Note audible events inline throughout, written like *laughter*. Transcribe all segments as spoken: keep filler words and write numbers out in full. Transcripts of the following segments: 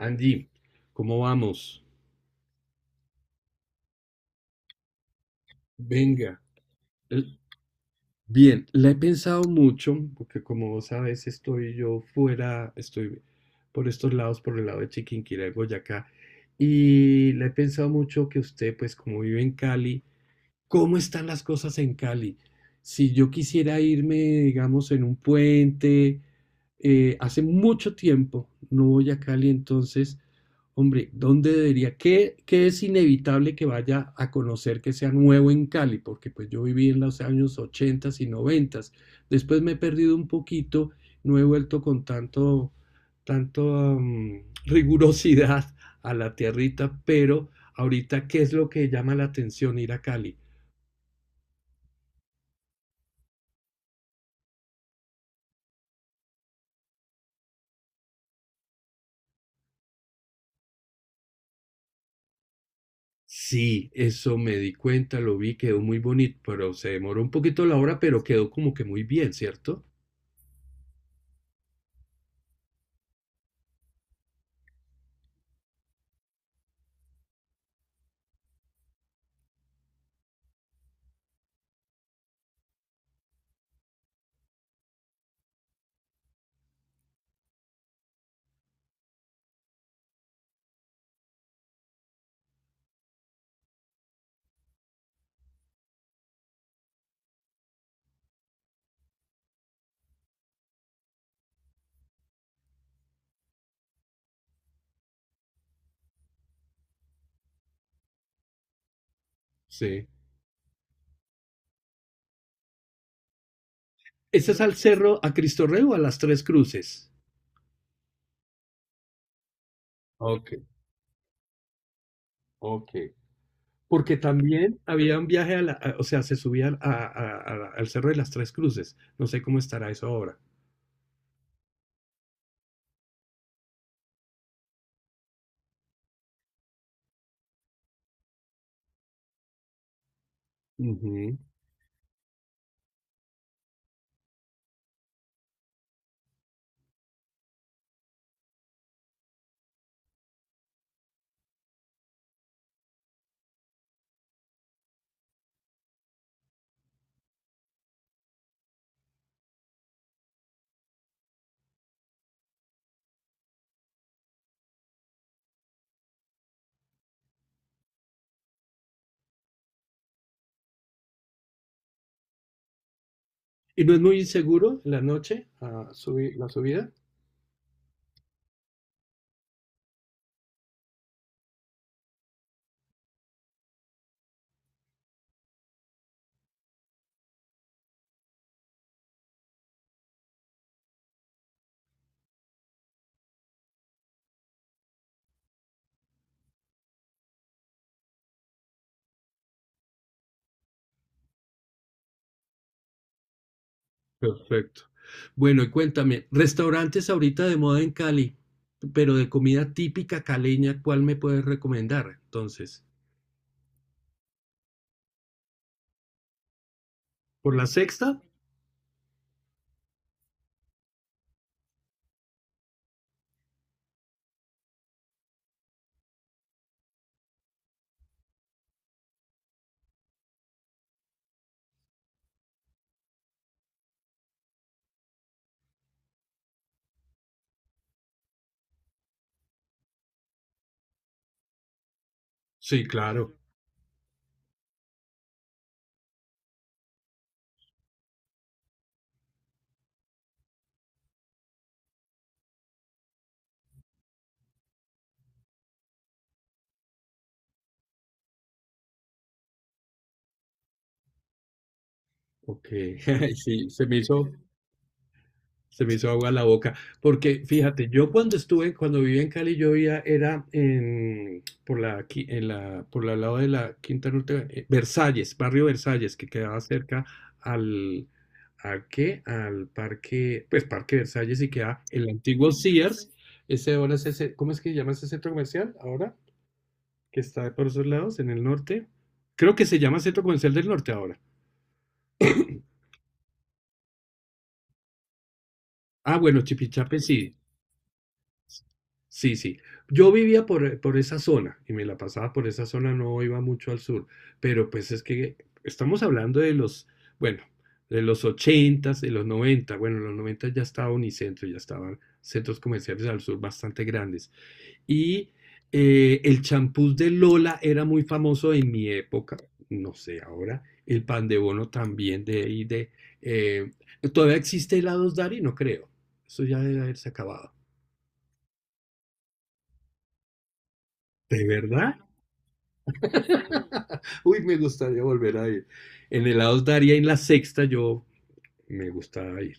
Andy, ¿cómo vamos? Venga. Eh, Bien, la he pensado mucho, porque como vos sabes, estoy yo fuera, estoy por estos lados, por el lado de Chiquinquirá y Boyacá, y la he pensado mucho que usted, pues como vive en Cali, cómo están las cosas en Cali. Si yo quisiera irme, digamos, en un puente, eh, hace mucho tiempo no voy a Cali, entonces, hombre, ¿dónde debería? ¿Qué, qué es inevitable que vaya a conocer que sea nuevo en Cali? Porque pues yo viví en los años ochenta y noventa. Después me he perdido un poquito, no he vuelto con tanto, tanto am, rigurosidad a la tierrita, pero ahorita, ¿qué es lo que llama la atención ir a Cali? Sí, eso me di cuenta, lo vi, quedó muy bonito, pero se demoró un poquito la hora, pero quedó como que muy bien, ¿cierto? Sí. ¿Ese es al cerro, a Cristo Rey o a las Tres Cruces? Ok, ok. Porque también había un viaje a la, a- o sea, se subía a- a- a- al cerro de las Tres Cruces. No sé cómo estará eso ahora. Ujú. ¿Y no es muy inseguro en la noche, ah, subi- la subida? Perfecto. Bueno, y cuéntame, restaurantes ahorita de moda en Cali, pero de comida típica caleña, ¿cuál me puedes recomendar entonces? ¿Por la Sexta? Sí, claro. Ok. *laughs* Sí, se me hizo. Se me hizo agua la boca, porque fíjate, yo cuando estuve, cuando vivía en Cali, yo vivía, era en, por la, qui- en la, por el lado de la Quinta Norte, eh, Versalles, barrio Versalles, que quedaba cerca al, ¿a qué? Al parque, pues Parque Versalles y queda el antiguo Sears, ese ahora es ese, ¿cómo es que se llama ese centro comercial ahora? Que está por esos lados, en el norte. Creo que se llama Centro Comercial del Norte ahora. Ah, bueno, Chipichape sí. Sí, sí. Yo vivía por, por esa zona y me la pasaba por esa zona, no iba mucho al sur, pero pues es que estamos hablando de los, bueno, de los ochentas, de los noventa. Bueno, en los noventa ya estaba Unicentro, ya estaban centros comerciales al sur bastante grandes. Y eh, el champús de Lola era muy famoso en mi época, no sé ahora, el pan de bono también de ahí de... eh, ¿todavía existe helados Dari? No creo, eso ya debe haberse acabado. ¿De verdad? *laughs* Uy, me gustaría volver a ir. En el Daria, en la sexta, yo me gustaba ir.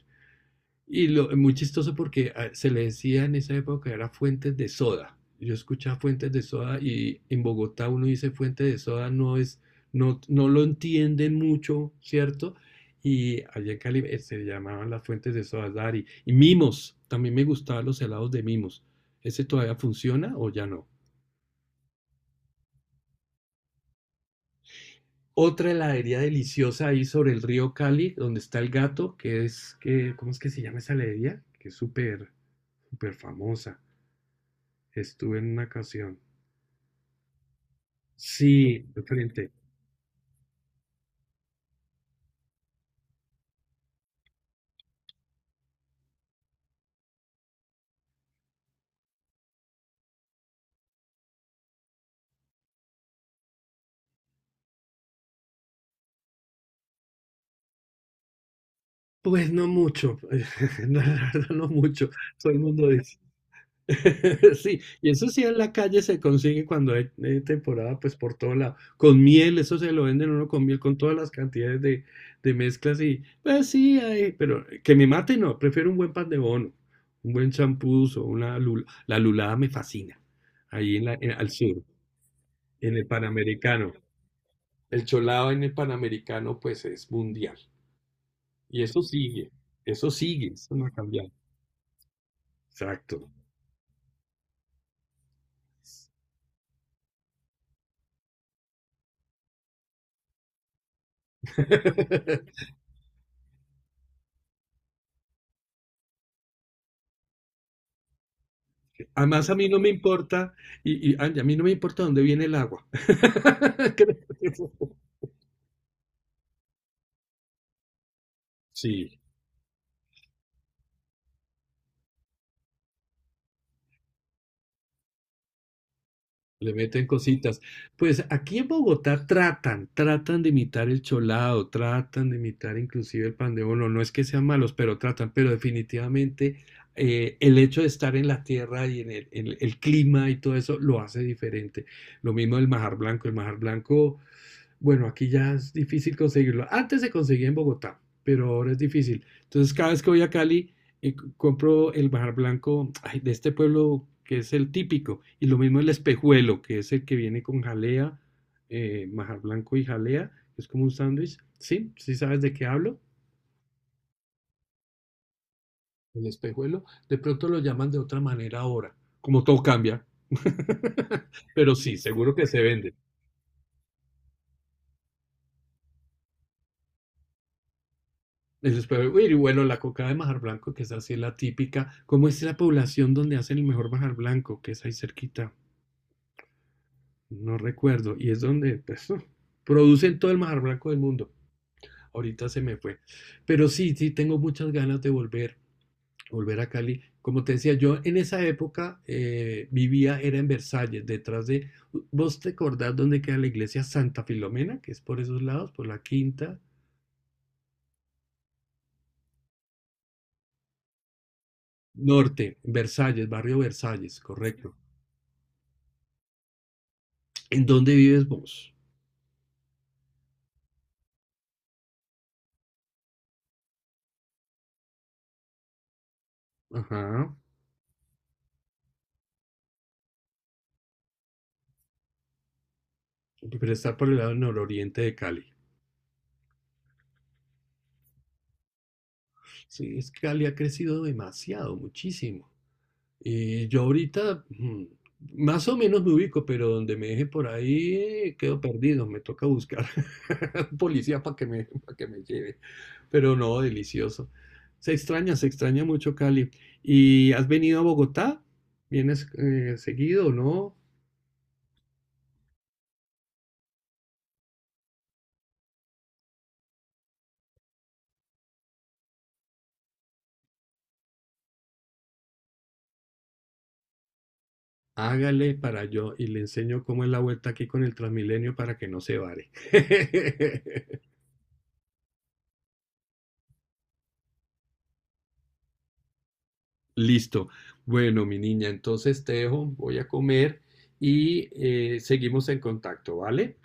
Y lo, muy chistoso porque ah, se le decía en esa época era fuentes de soda. Yo escuchaba fuentes de soda y en Bogotá uno dice fuente de soda, no es, no, no lo entienden mucho, ¿cierto? Y allá en Cali eh, se llamaban las fuentes de soda Dari. Y mimos, también me gustaban los helados de mimos. ¿Ese todavía funciona o ya no? Otra heladería deliciosa ahí sobre el río Cali, donde está el gato, que es, que, ¿cómo es que se llama esa heladería? Que es súper, súper famosa. Estuve en una ocasión. Sí, diferente. Pues no mucho, *laughs* no, la verdad no mucho. Todo el mundo dice. *laughs* Sí, y eso sí en la calle se consigue cuando hay eh, temporada, pues por todo lado. Con miel, eso se lo venden uno con miel, con todas las cantidades de, de mezclas y, pues sí, hay, pero que me mate no, prefiero un buen pan de bono, un buen champús o una lula. La lulada me fascina, ahí en la, en- al sur, en el Panamericano. El cholado en el Panamericano, pues es mundial. Y eso sigue, eso sigue, eso no ha cambiado. Exacto. *laughs* Además, a mí no me importa, y, y a a mí no me importa dónde viene el agua. *laughs* Creo que eso... Sí. Le meten cositas. Pues aquí en Bogotá tratan, tratan de imitar el cholado, tratan de imitar inclusive el pan de bono. No es que sean malos, pero tratan. Pero definitivamente eh, el hecho de estar en la tierra y en el, en el clima y todo eso lo hace diferente. Lo mismo el majar blanco. El majar blanco, bueno, aquí ya es difícil conseguirlo. Antes se conseguía en Bogotá, pero ahora es difícil. Entonces cada vez que voy a Cali y compro el Bajar Blanco ay, de este pueblo que es el típico, y lo mismo el espejuelo, que es el que viene con jalea, eh, Bajar Blanco y jalea, que es como un sándwich, ¿sí? ¿Sí sabes de qué hablo? El espejuelo, de pronto lo llaman de otra manera ahora, como todo cambia. *laughs* Pero sí, seguro que se vende. El espejuelo, y bueno, la coca de Majar Blanco, que es así la típica, ¿cómo es la población donde hacen el mejor Majar Blanco, que es ahí cerquita? No recuerdo, y es donde pues, *laughs* oh, producen todo el mar blanco del mundo. Ahorita se me fue. Pero sí, sí, tengo muchas ganas de volver, volver a Cali. Como te decía, yo en esa época eh, vivía, era en Versalles, detrás de, ¿vos te acordás dónde queda la iglesia Santa Filomena? Que es por esos lados, por la Quinta Norte, Versalles, barrio Versalles, correcto. ¿En dónde vives vos? Ajá. Pero está por el lado nororiente de Cali. Sí, es que Cali ha crecido demasiado, muchísimo. Y yo ahorita mm, más o menos me ubico, pero donde me deje por ahí quedo perdido. Me toca buscar *laughs* un policía para que me, para que me lleve. Pero no, delicioso. Se extraña, se extraña mucho Cali. ¿Y has venido a Bogotá? ¿Vienes eh, seguido o no? Hágale para yo y le enseño cómo es la vuelta aquí con el Transmilenio para que no se vare. *laughs* Listo. Bueno, mi niña, entonces te dejo, voy a comer y eh, seguimos en contacto, ¿vale?